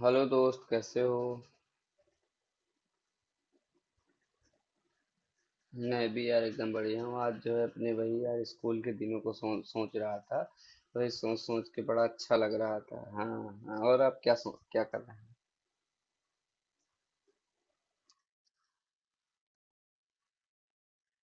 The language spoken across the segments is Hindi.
हेलो दोस्त, कैसे हो? मैं भी यार एकदम बढ़िया हूँ। आज जो है अपने वही यार स्कूल के दिनों को सोच सोच रहा था। वही सोच सोच के बड़ा अच्छा लग रहा था। हाँ हाँ, और आप क्या सोच क्या कर रहे हैं?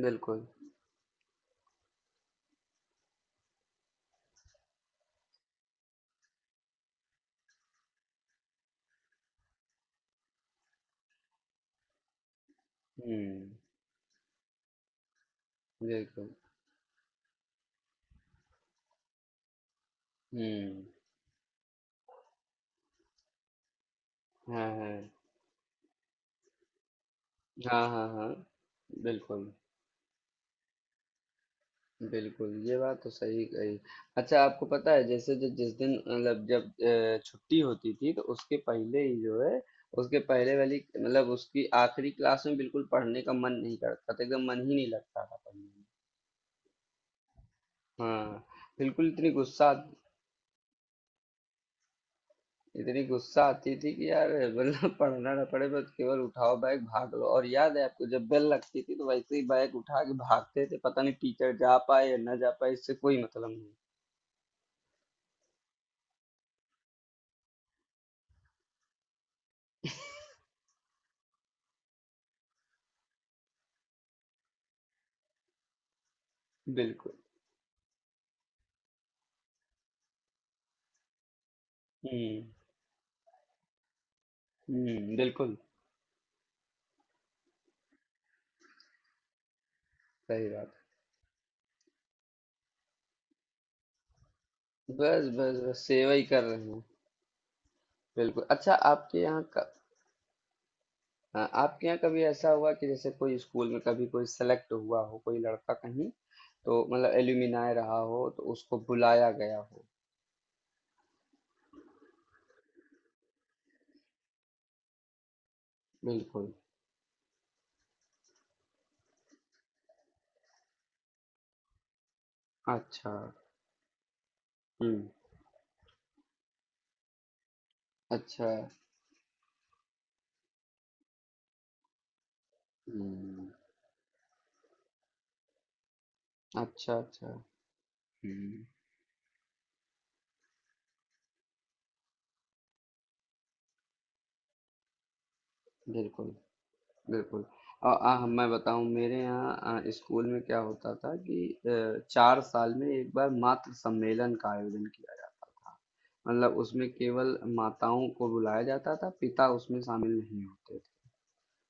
बिल्कुल। हम्म। बिल्कुल। हम्म। हाँ हाँ हाँ। हाँ हाँ। बिल्कुल। बिल्कुल, ये बात तो सही कही। अच्छा, आपको पता है जैसे जो जिस दिन मतलब जब छुट्टी होती थी तो उसके पहले ही जो है उसके पहले वाली मतलब उसकी आखिरी क्लास में बिल्कुल पढ़ने का मन नहीं करता था, एकदम मन ही नहीं लगता था पढ़ने में। हाँ, बिल्कुल इतनी गुस्सा आती थी कि यार मतलब पढ़ना ना पड़े, बस केवल उठाओ बैग भाग लो। और याद है आपको जब बेल लगती थी तो वैसे ही बैग उठा के भागते थे, पता नहीं टीचर जा पाए या ना जा पाए, इससे कोई मतलब नहीं। बिल्कुल। हुँ, हुँ, बिल्कुल। सही बात है। बस बस बस सेवा ही कर रहे हैं। बिल्कुल, अच्छा आपके यहाँ का। हाँ, आपके यहाँ कभी ऐसा हुआ कि जैसे कोई स्कूल में कभी कोई सेलेक्ट हुआ हो, कोई लड़का कहीं, तो मतलब एल्यूमिनाय रहा हो तो उसको बुलाया गया हो? बिल्कुल। अच्छा। हम्म। अच्छा। हम्म। अच्छा अच्छा। हम्म। बिल्कुल। बिल्कुल। आ, आ, मैं बताऊं मेरे यहाँ स्कूल में क्या होता था कि चार साल में एक बार मातृ सम्मेलन का आयोजन किया जाता था, मतलब उसमें केवल माताओं को बुलाया जाता था, पिता उसमें शामिल नहीं होते थे।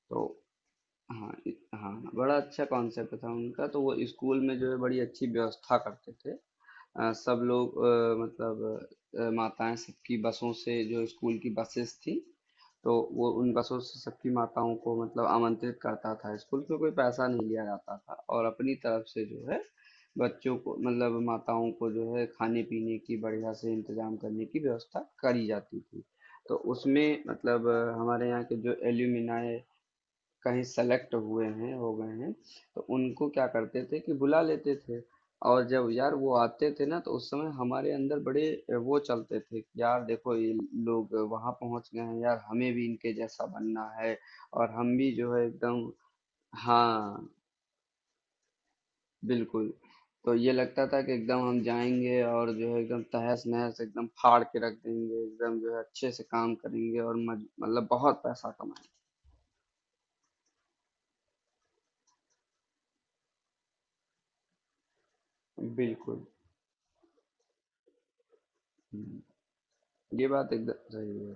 तो हाँ हाँ, बड़ा अच्छा कॉन्सेप्ट था उनका, तो वो स्कूल में जो है बड़ी अच्छी व्यवस्था करते थे। सब लोग मतलब माताएँ सबकी, बसों से जो स्कूल की बसेस थी, तो वो उन बसों से सबकी माताओं को मतलब आमंत्रित करता था, स्कूल से कोई पैसा नहीं लिया जाता था, और अपनी तरफ से जो है, बच्चों को मतलब माताओं को जो है खाने-पीने की बढ़िया से इंतज़ाम करने की व्यवस्था करी जाती थी। तो उसमें मतलब हमारे यहाँ के जो एल्युमिनाई कहीं सेलेक्ट हुए हैं हो गए हैं, तो उनको क्या करते थे कि बुला लेते थे। और जब यार वो आते थे ना, तो उस समय हमारे अंदर बड़े वो चलते थे कि यार देखो ये लोग वहां पहुंच गए हैं, यार हमें भी इनके जैसा बनना है, और हम भी जो है एकदम। हाँ। बिल्कुल। तो ये लगता था कि एकदम हम जाएंगे और जो है एकदम तहस नहस एकदम फाड़ के रख देंगे, एकदम जो है अच्छे से काम करेंगे और मतलब बहुत पैसा कमाएंगे। बिल्कुल। हम्म, ये बात एकदम सही है।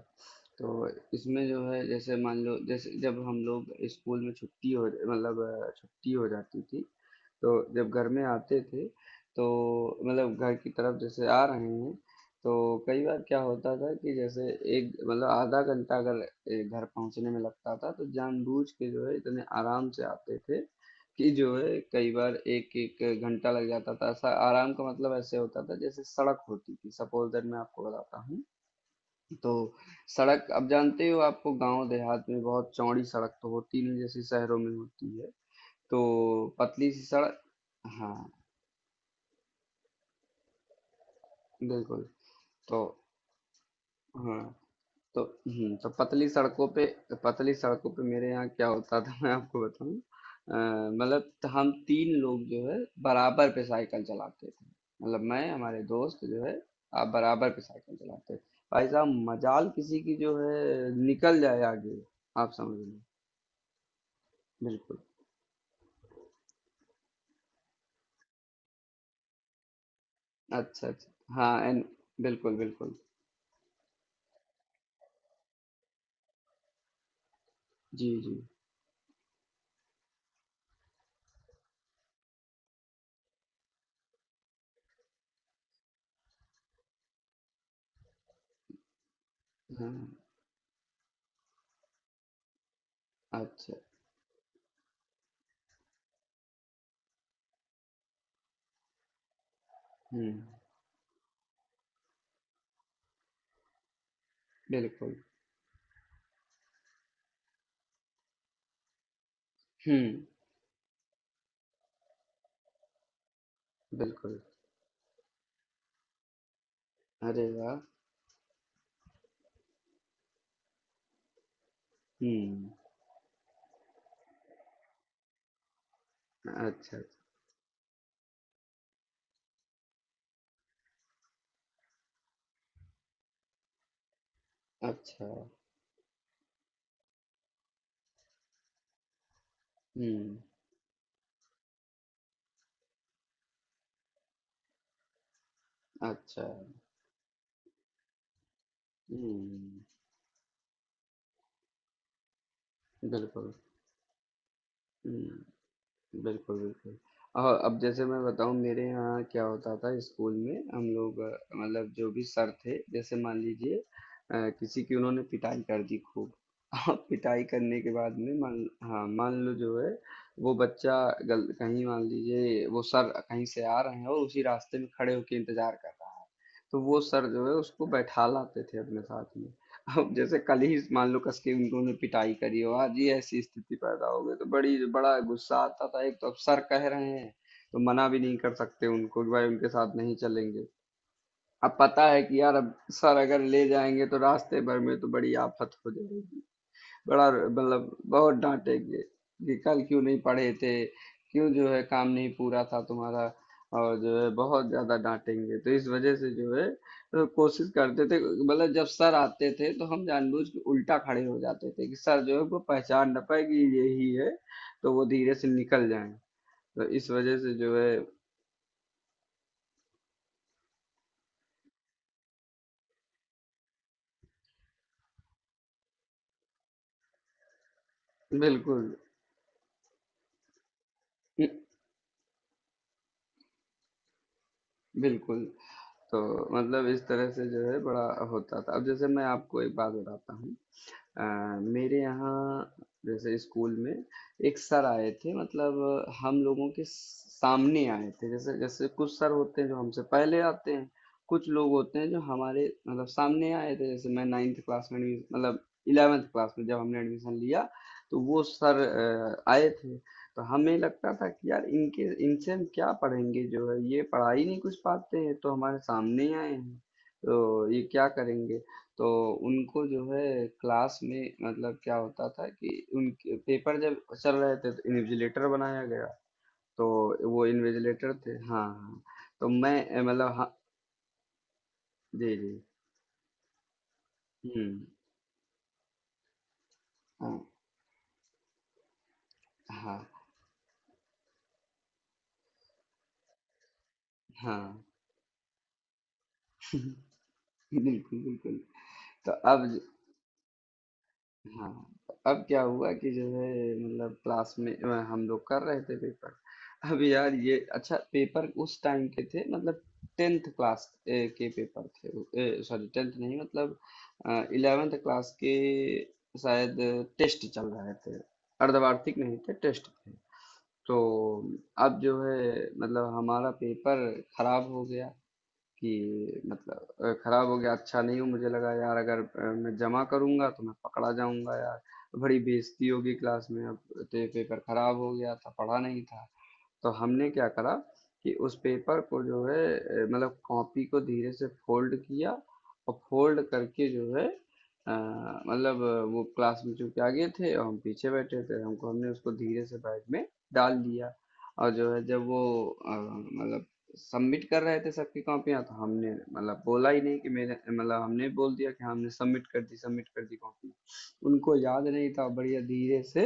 तो इसमें जो है जैसे मान लो, जैसे जब हम लोग स्कूल में छुट्टी हो मतलब छुट्टी हो जाती थी, तो जब घर में आते थे, तो मतलब घर की तरफ जैसे आ रहे हैं, तो कई बार क्या होता था कि जैसे एक मतलब आधा घंटा अगर घर पहुंचने में लगता था, तो जानबूझ के जो है इतने आराम से आते थे कि जो है कई बार एक एक घंटा लग जाता था। ऐसा आराम का मतलब ऐसे होता था जैसे सड़क होती थी, सपोज दैट मैं आपको बताता हूँ। तो सड़क, अब जानते हो आपको गांव देहात में बहुत चौड़ी सड़क तो होती नहीं जैसे शहरों में होती है, तो पतली सी सड़क। हाँ। बिल्कुल। तो। हाँ। तो। हम्म, तो पतली सड़कों पे, पतली सड़कों पे मेरे यहाँ क्या होता था मैं आपको बताऊं मतलब हम तीन लोग जो है बराबर पे साइकिल चलाते थे, मतलब मैं हमारे दोस्त जो है आप बराबर पे साइकिल चलाते थे, भाई साहब मजाल किसी की जो है निकल जाए आगे, आप समझ लो। बिल्कुल। अच्छा, अच्छा। हाँ, एन। बिल्कुल, बिल्कुल। जी, जी। हाँ, अच्छा। हुँ, बिल्कुल। हुँ, बिल्कुल। अरे वाह! हुँ, अच्छा, अच्छा। हुँ, अच्छा। हुँ, बिल्कुल। हुँ। बिल्कुल, बिल्कुल। और अब जैसे मैं बताऊँ मेरे यहाँ क्या होता था, स्कूल में हम लोग मतलब जो भी सर थे जैसे मान लीजिए किसी की उन्होंने पिटाई कर दी खूब, और पिटाई करने के बाद में मान, हाँ मान लो जो है वो बच्चा गल कहीं, मान लीजिए वो सर कहीं से आ रहे हैं और उसी रास्ते में खड़े होकर इंतजार कर रहा है, तो वो सर जो है उसको बैठा लाते थे अपने साथ में। अब जैसे कल ही मान लो कस के उन्होंने पिटाई करी हो, आज ये ऐसी स्थिति पैदा हो गई, तो बड़ी बड़ा गुस्सा आता था, एक तो अब सर कह रहे हैं तो मना भी नहीं कर सकते उनको कि भाई उनके साथ नहीं चलेंगे। अब पता है कि यार अब सर अगर ले जाएंगे तो रास्ते भर में तो बड़ी आफत हो जाएगी, बड़ा मतलब बहुत डांटेंगे कि कल क्यों नहीं पढ़े थे, क्यों जो है काम नहीं पूरा था तुम्हारा, और जो है बहुत ज्यादा डांटेंगे, तो इस वजह से जो है तो कोशिश करते थे, मतलब जब सर आते थे तो हम जानबूझ के उल्टा खड़े हो जाते थे कि सर जो है वो पहचान ना पाए कि ये ही है, तो वो धीरे से निकल जाएं, तो इस वजह से जो है। बिल्कुल। बिल्कुल। तो मतलब इस तरह से जो है बड़ा होता था। अब जैसे मैं आपको एक बात बताता हूँ, अ, मेरे यहाँ जैसे स्कूल में एक सर आए थे, मतलब हम लोगों के सामने आए थे, जैसे जैसे कुछ सर होते हैं जो हमसे पहले आते हैं, कुछ लोग होते हैं जो हमारे मतलब सामने आए थे, जैसे मैं नाइन्थ क्लास में एडमिशन मतलब इलेवेंथ क्लास में जब हमने एडमिशन लिया, तो वो सर आए थे। तो हमें लगता था कि यार इनके इनसे हम क्या पढ़ेंगे, जो है ये पढ़ा ही नहीं कुछ पाते हैं तो हमारे सामने ही आए हैं, तो ये क्या करेंगे? तो उनको जो है क्लास में मतलब क्या होता था कि उनके पेपर जब चल रहे थे तो इन्विजिलेटर बनाया गया, तो वो इन्विजिलेटर थे। हाँ हाँ। तो मैं मतलब हाँ। जी जी। हम्म। हाँ। हाँ। हाँ। बिल्कुल बिल्कुल। तो अब। हाँ। अब क्या हुआ कि जो है मतलब क्लास में हम लोग कर रहे थे पेपर, अब यार ये अच्छा पेपर उस टाइम के थे, मतलब टेंथ क्लास के पेपर थे, सॉरी टेंथ नहीं मतलब इलेवेंथ क्लास के शायद, टेस्ट चल रहे थे, अर्धवार्षिक नहीं थे, टेस्ट थे। तो अब जो है मतलब हमारा पेपर खराब हो गया, कि मतलब खराब हो गया अच्छा नहीं हो, मुझे लगा यार अगर मैं जमा करूंगा तो मैं पकड़ा जाऊंगा यार, बड़ी बेइज्जती होगी क्लास में। अब तो ये पेपर खराब हो गया था, पढ़ा नहीं था, तो हमने क्या करा कि उस पेपर को जो है मतलब कॉपी को धीरे से फोल्ड किया, और फोल्ड करके जो है मतलब वो क्लास में चूंकि आगे थे और हम पीछे बैठे थे हमको, हमने उसको धीरे से बैग में डाल दिया। और जो है जब वो मतलब सबमिट कर रहे थे सबकी कॉपियां, तो हमने मतलब बोला ही नहीं कि मेरे मतलब हमने बोल दिया कि हाँ, हमने सबमिट कर दी, सबमिट कर दी कॉपी, उनको याद नहीं था, बढ़िया धीरे से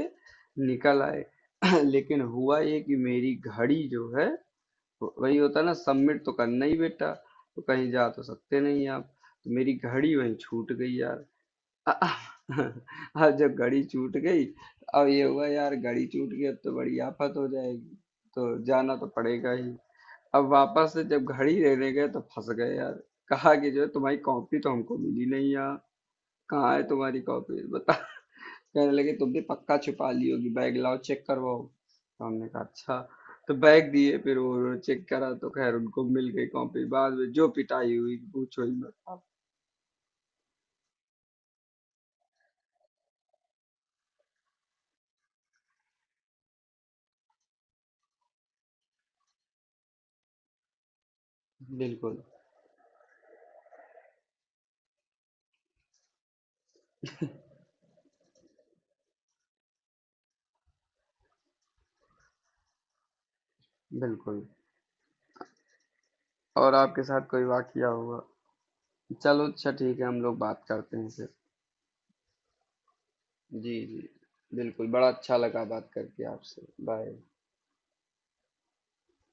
निकल आए। लेकिन हुआ ये कि मेरी घड़ी जो है, वही होता है ना, सबमिट तो करना ही बेटा, तो कहीं जा तो सकते नहीं आप, तो मेरी घड़ी वहीं छूट गई यार। अब जब घड़ी छूट गई, अब ये हुआ यार घड़ी छूट गई, अब तो बड़ी आफत हो जाएगी, तो जाना तो पड़ेगा ही। अब वापस से जब घड़ी लेने गए तो फंस गए यार, कहा कि जो है तुम्हारी कॉपी तो हमको मिली नहीं यार, कहाँ है तुम्हारी कॉपी बता, कहने लगे तुमने पक्का छुपा ली होगी, बैग लाओ चेक करवाओ, तो हमने कहा अच्छा, तो बैग दिए फिर वो चेक करा, तो खैर उनको मिल गई कॉपी, बाद में जो पिटाई हुई पूछो ही मत। बिल्कुल। बिल्कुल। और आपके साथ कोई वाकया हुआ? चलो अच्छा, ठीक है, हम लोग बात करते हैं फिर। जी जी। बिल्कुल, बड़ा अच्छा लगा बात करके आपसे। बाय।